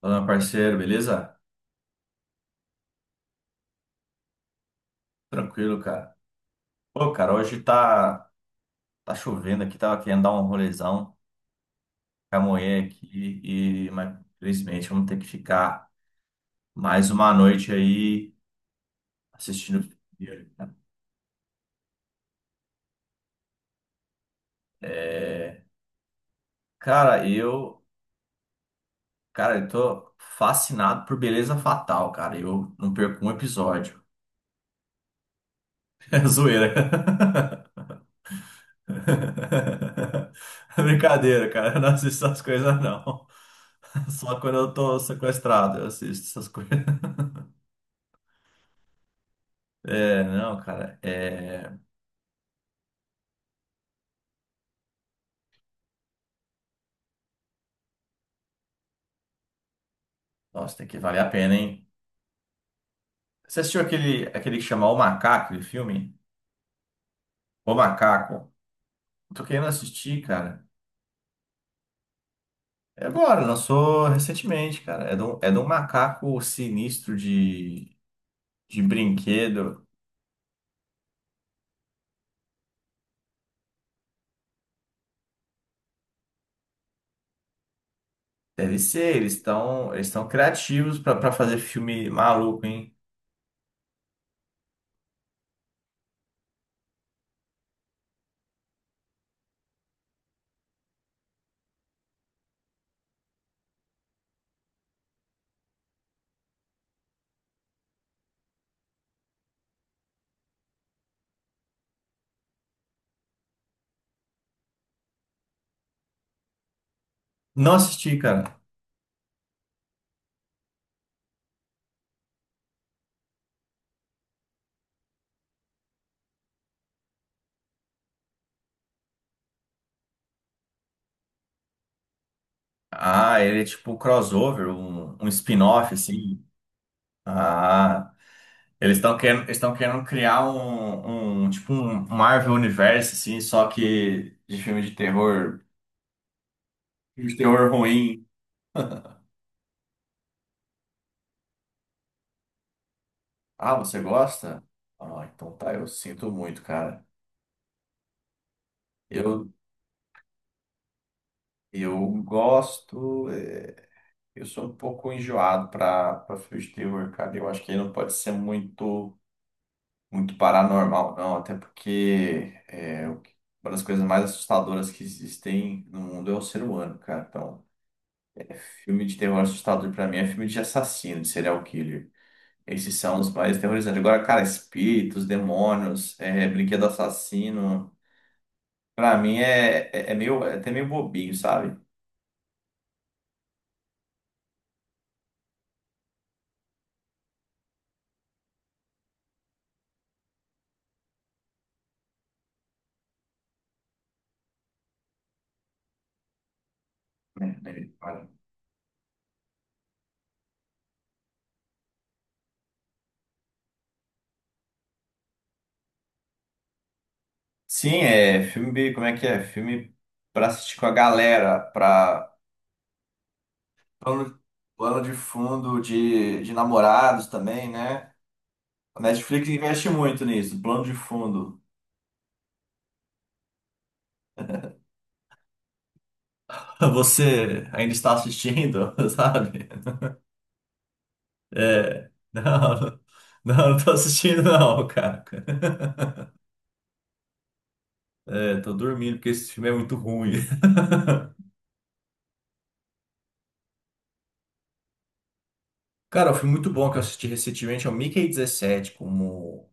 Fala, meu parceiro, beleza? Tranquilo, cara. Pô, cara, hoje tá chovendo aqui, tava querendo dar um rolezão com a mulher aqui, mas infelizmente vamos ter que ficar mais uma noite aí assistindo filme, cara. É, cara, cara, eu tô fascinado por Beleza Fatal, cara. Eu não perco um episódio. É zoeira. Brincadeira, cara. Eu não assisto essas coisas, não. Só quando eu tô sequestrado, eu assisto essas coisas. É, não, cara. É... Nossa, tem que valer a pena, hein? Você assistiu aquele, que chama O Macaco, aquele filme? O Macaco. Eu tô querendo assistir, cara. É agora, lançou recentemente, cara. É de um macaco sinistro de, brinquedo. Deve ser, eles estão criativos pra fazer filme maluco, hein? Não assisti, cara. Ah, ele é tipo crossover, um spin-off, assim. Ah, eles estão querendo criar um tipo um Marvel Universe, assim, só que de filme de terror ruim. Ah, você gosta? Ah, então tá, eu sinto muito, cara. Eu, eu gosto, eu sou um pouco enjoado pra filme de terror, cara. Eu acho que ele não pode ser muito paranormal, não, até porque uma das coisas mais assustadoras que existem no mundo é o ser humano, cara. Então, é, filme de terror assustador pra mim é filme de assassino, de serial killer. Esses são os mais terrorizantes. Agora, cara, espíritos, demônios, brinquedo assassino, pra mim é, meio, é até meio bobinho, sabe? Né, né, cara. Sim, é filme, como é que é? Filme pra assistir com a galera, pra Plano, plano de fundo de namorados também, né? A Netflix investe muito nisso, plano de fundo. Você ainda está assistindo, sabe? É, não, não tô assistindo não, cara. É, tô dormindo porque esse filme é muito ruim. Cara, o filme muito bom que eu assisti recentemente é o Mickey 17, como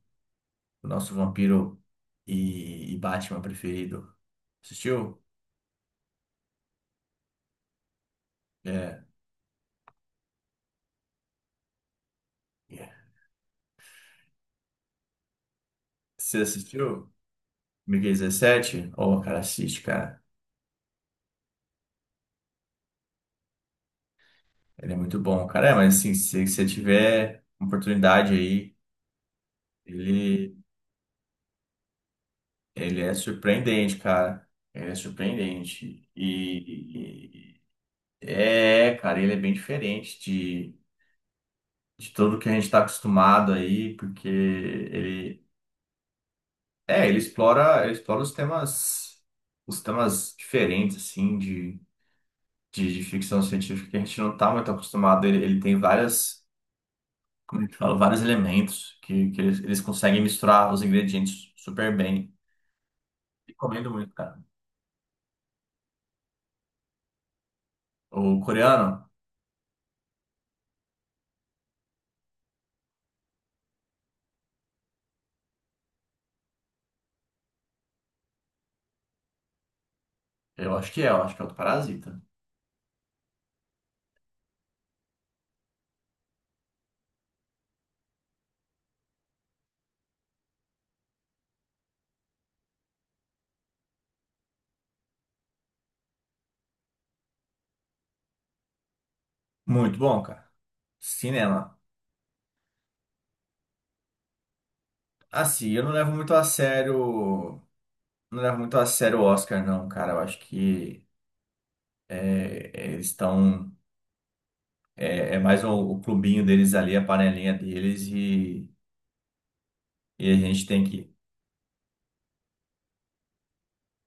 o nosso vampiro e Batman preferido. Assistiu? É. É. Você assistiu? Mickey 17. Ô, cara, assiste, cara. Ele é muito bom, cara. É, mas assim, se você tiver oportunidade aí, ele, ele é surpreendente, cara. Ele é surpreendente. Cara, ele é bem diferente de, tudo que a gente tá acostumado aí, porque ele explora, ele explora, os temas diferentes, assim, de ficção científica que a gente não tá muito acostumado. Ele tem várias. Como é que fala, vários elementos que eles conseguem misturar os ingredientes super bem. Recomendo muito, cara. O coreano, eu acho que é o do Parasita. Muito bom, cara. Cinema. Assim, eu não levo muito a sério. Não levo muito a sério o Oscar, não, cara. Eu acho que é, eles estão. É mais o clubinho deles ali, a panelinha deles, e a gente tem que.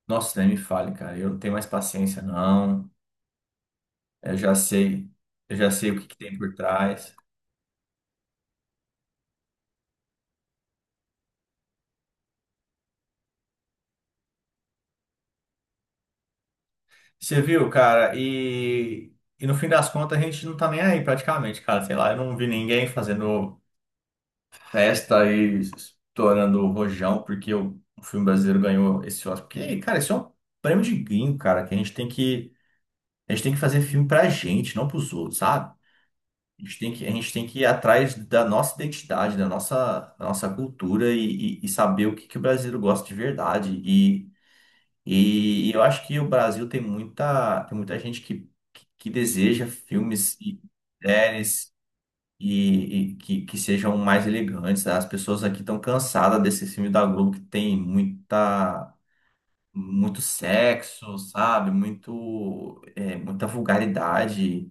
Nossa, nem me fale, cara. Eu não tenho mais paciência, não. Eu já sei. Eu já sei o que que tem por trás. Você viu, cara, e no fim das contas a gente não tá nem aí praticamente, cara. Sei lá, eu não vi ninguém fazendo festa e estourando o rojão porque o filme brasileiro ganhou esse Oscar. Porque, cara, isso é um prêmio de gringo, cara, que a gente tem que fazer filme pra gente, não pros outros, sabe? A gente tem que ir atrás da nossa identidade, da nossa cultura e, e saber o que, que o brasileiro gosta de verdade. E eu acho que o Brasil tem muita gente que deseja filmes e séries e que sejam mais elegantes. As pessoas aqui estão cansadas desse filme da Globo que tem muito sexo, sabe? Muita vulgaridade.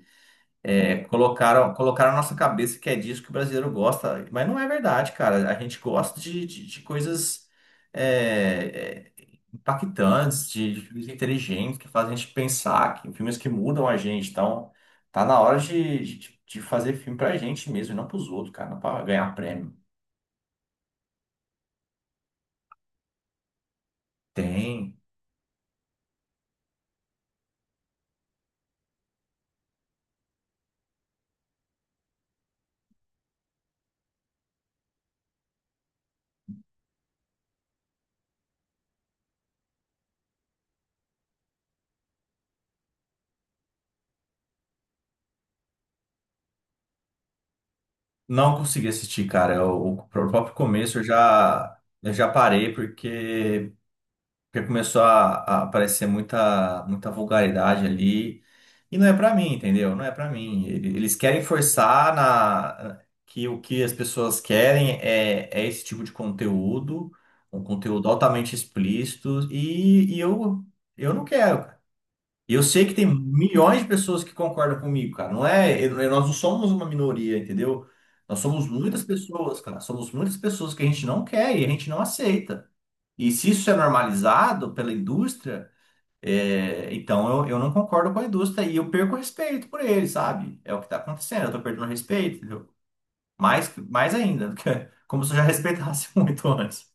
É, colocaram na nossa cabeça que é disso que o brasileiro gosta, mas não é verdade, cara. A gente gosta de, de coisas é, é, impactantes, de filmes inteligentes, que fazem a gente pensar, filmes que mudam a gente. Então, tá na hora de, de fazer filme pra gente mesmo, e não pros outros, cara, não pra ganhar prêmio. Tem. Não consegui assistir, cara. O próprio começo eu já parei, porque. Porque começou a, aparecer muita, muita vulgaridade ali. E não é pra mim, entendeu? Não é pra mim. Eles querem forçar na, que o que as pessoas querem é esse tipo de conteúdo, um conteúdo altamente explícito, e eu não quero, cara. E eu sei que tem milhões de pessoas que concordam comigo, cara. Não é, nós não somos uma minoria, entendeu? Nós somos muitas pessoas, cara. Somos muitas pessoas que a gente não quer e a gente não aceita. E se isso é normalizado pela indústria, então eu não concordo com a indústria e eu perco o respeito por ele, sabe? É o que está acontecendo, eu tô perdendo o respeito, entendeu? Mais ainda, como se eu já respeitasse muito antes.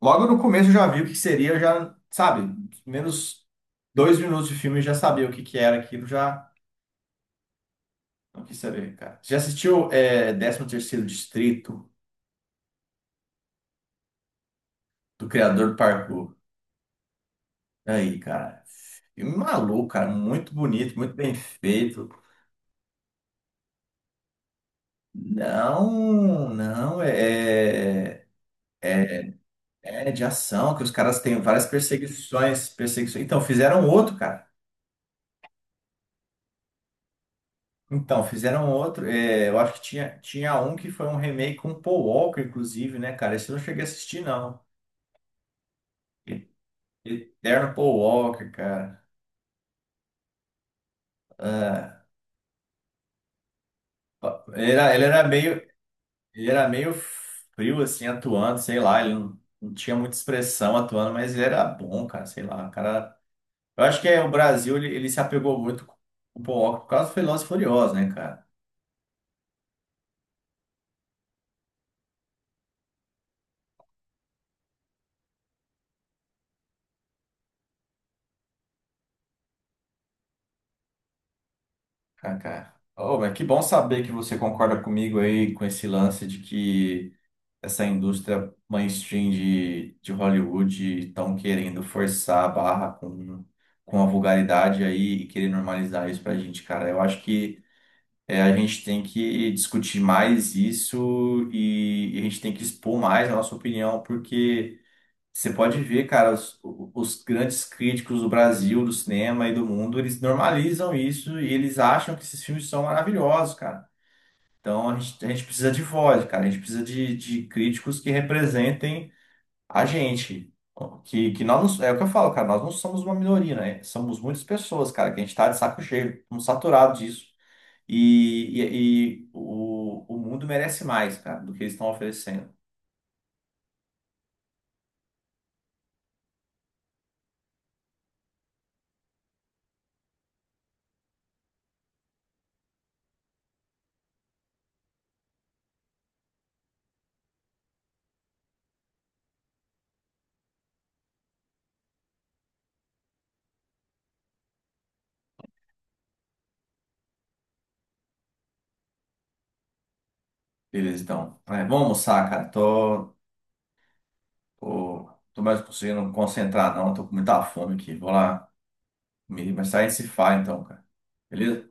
Logo no começo eu já vi o que seria, sabe, menos 2 minutos de filme eu já sabia o que que era aquilo, já não quis saber, cara. Você já assistiu 13º Distrito, do criador do Parkour? Aí, cara, filme maluco, cara, muito bonito, muito bem feito. Não, não, é de ação, que os caras têm várias perseguições, perseguições. Então, fizeram outro, cara. Então, fizeram outro. Eu acho que tinha, tinha um que foi um remake com Paul Walker, inclusive, né, cara? Esse eu não cheguei a assistir, não. E- Eterno Paul Walker, cara. Ah, ele era, ele era meio, ele era meio frio, assim, atuando, sei lá, ele não tinha muita expressão atuando, mas ele era bom, cara, sei lá, o cara. Eu acho que o Brasil, ele se apegou muito com o Paul Walker por causa do Velozes e Furiosos, né, cara? Kaká. Oh, mas que bom saber que você concorda comigo aí com esse lance de que essa indústria mainstream de, Hollywood estão querendo forçar a barra com, a vulgaridade aí e querer normalizar isso pra gente, cara. Eu acho que a gente tem que discutir mais isso e a gente tem que expor mais a nossa opinião, porque. Você pode ver, cara, os, grandes críticos do Brasil, do cinema e do mundo, eles normalizam isso e eles acham que esses filmes são maravilhosos, cara. Então a gente precisa de voz, cara. A gente precisa de, críticos que representem a gente. Que nós, o que eu falo, cara, nós não somos uma minoria, né? Somos muitas pessoas, cara, que a gente tá de saco cheio, estamos saturados disso. E o mundo merece mais, cara, do que eles estão oferecendo. Beleza, então. É, vamos almoçar, cara. Tô mais conseguindo concentrar, não. Tô com muita fome aqui. Vou lá comer, mas sai se faz então, cara. Beleza?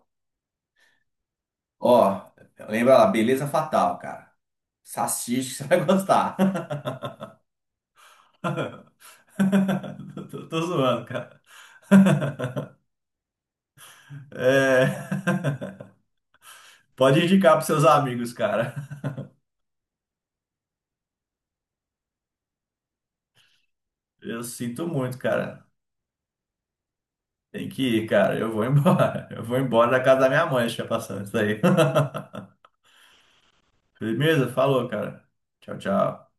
Ó, lembra lá, Beleza Fatal, cara. Salsicha, você vai gostar. Tô zoando, cara. É... Pode indicar pros seus amigos, cara. Eu sinto muito, cara. Tem que ir, cara. Eu vou embora. Eu vou embora da casa da minha mãe, deixa passando isso aí. Beleza? Falou, cara. Tchau, tchau.